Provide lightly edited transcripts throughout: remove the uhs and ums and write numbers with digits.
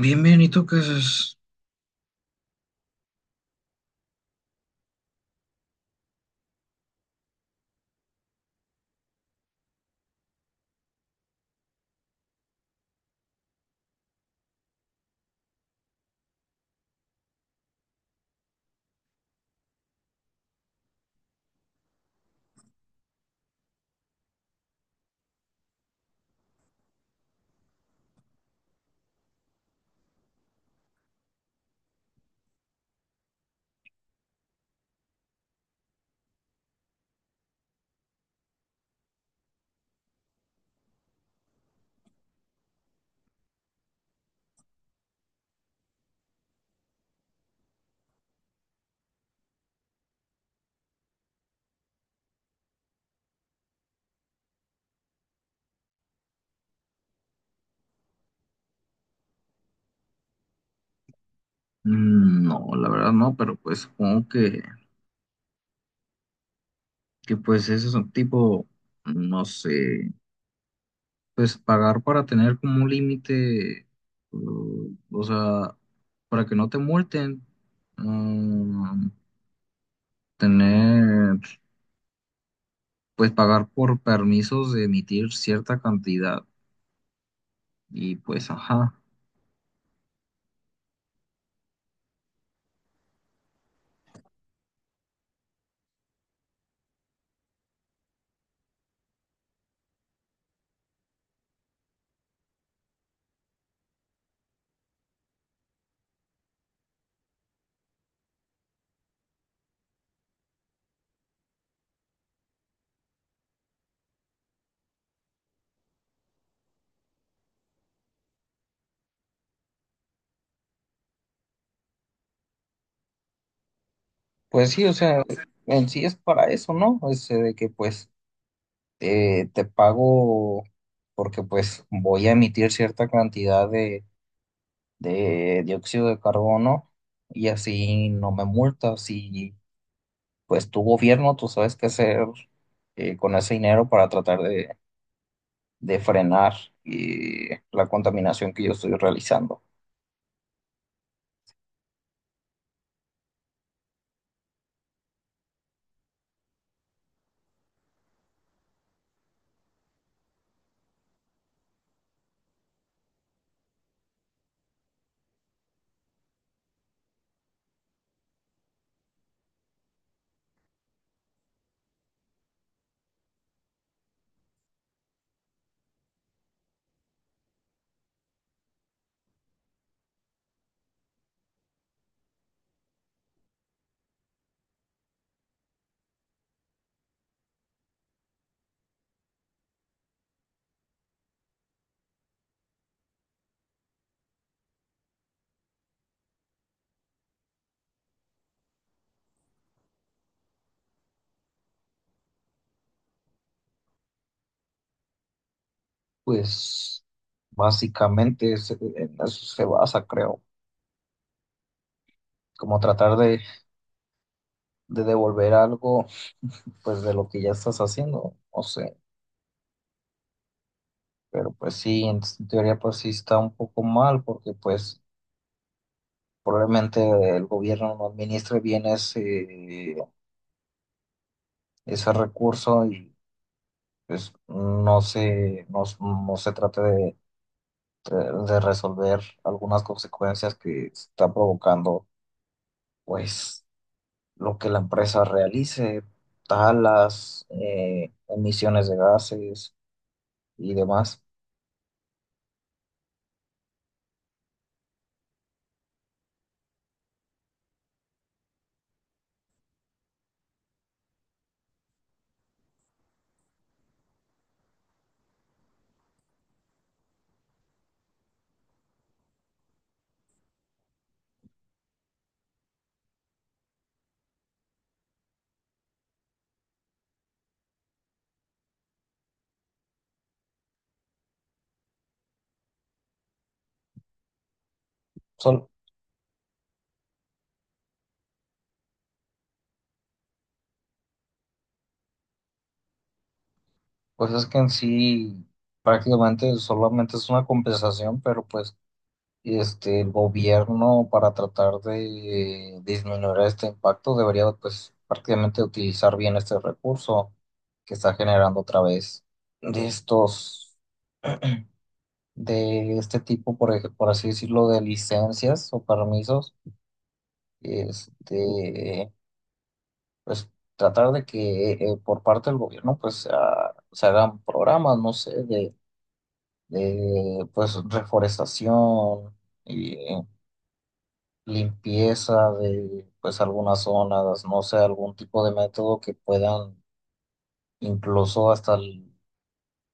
Bien, bien, ¿y tú qué haces? Mm, no, la verdad no, pero pues supongo que pues ese es un tipo, no sé, pues pagar para tener como un límite, o sea, para que no te multen, mm, tener, pues pagar por permisos de emitir cierta cantidad y pues, ajá. Pues sí, o sea, en sí es para eso, ¿no? Es de que pues te pago porque pues voy a emitir cierta cantidad de dióxido de carbono y así no me multas y pues tu gobierno, tú sabes qué hacer con ese dinero para tratar de frenar la contaminación que yo estoy realizando. Pues básicamente en eso se basa, creo, como tratar de devolver algo pues de lo que ya estás haciendo, no sé. Pero pues sí, en teoría pues sí está un poco mal porque pues probablemente el gobierno no administre bien ese recurso y pues no se, no, s- no se trate de resolver algunas consecuencias que está provocando pues lo que la empresa realice, talas, emisiones de gases y demás. Sol- pues es que en sí prácticamente solamente es una compensación, pero pues este, el gobierno para tratar de disminuir este impacto debería pues prácticamente utilizar bien este recurso que está generando otra vez de estos, de este tipo, por, por así decirlo, de licencias o permisos, este, pues tratar de que por parte del gobierno pues se hagan programas, no sé, de pues reforestación limpieza de pues algunas zonas, no sé, algún tipo de método que puedan incluso hasta el-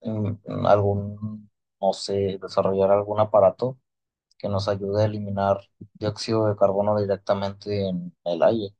en- en algún, no sé, desarrollar algún aparato que nos ayude a eliminar dióxido de carbono directamente en el aire.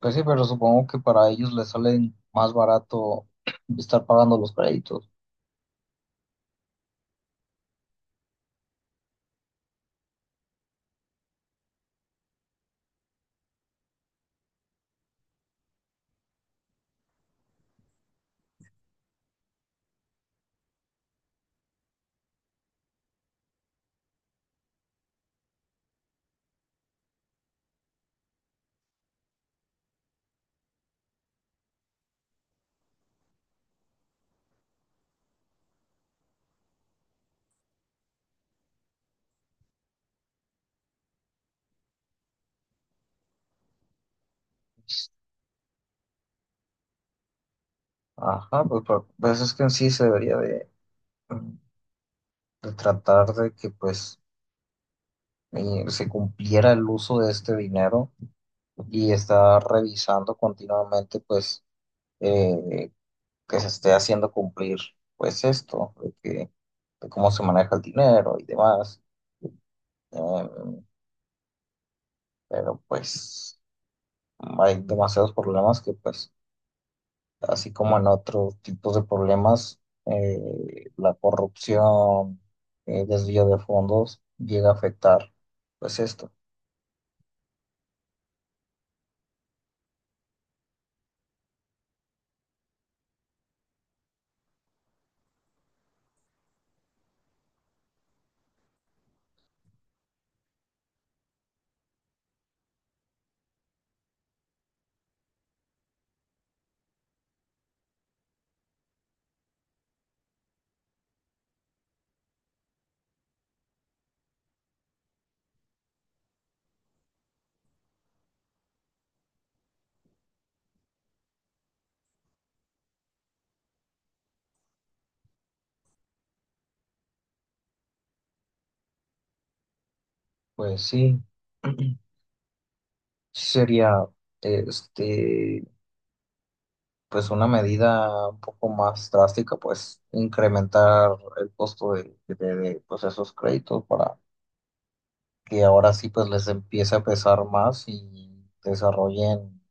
Pues sí, pero supongo que para ellos les sale más barato estar pagando los créditos. Ajá, pues, pues es que en sí se debería de tratar de que pues se cumpliera el uso de este dinero y está revisando continuamente pues eh, que se esté haciendo cumplir pues esto, de que, de cómo se maneja el dinero y demás. Em, pero pues hay demasiados problemas que pues así como en otros tipos de problemas, la corrupción, el desvío de fondos llega a afectar pues esto. Pues sí, sí sería este pues una medida un poco más drástica, pues incrementar el costo pues esos créditos para que ahora sí pues les empiece a pesar más y desarrollen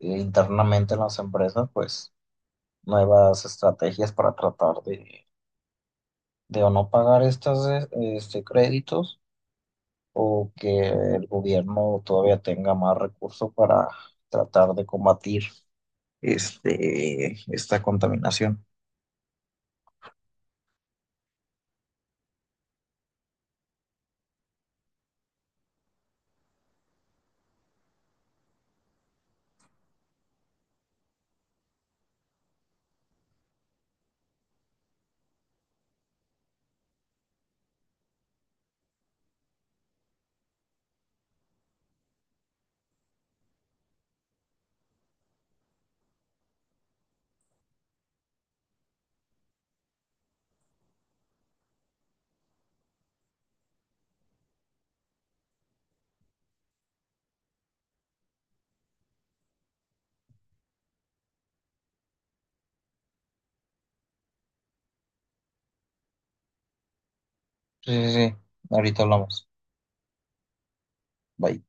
internamente en las empresas pues nuevas estrategias para tratar de o no pagar estas este, créditos o que el gobierno todavía tenga más recursos para tratar de combatir este, esta contaminación. Sí, sí, sí. Ahorita hablamos. Bye.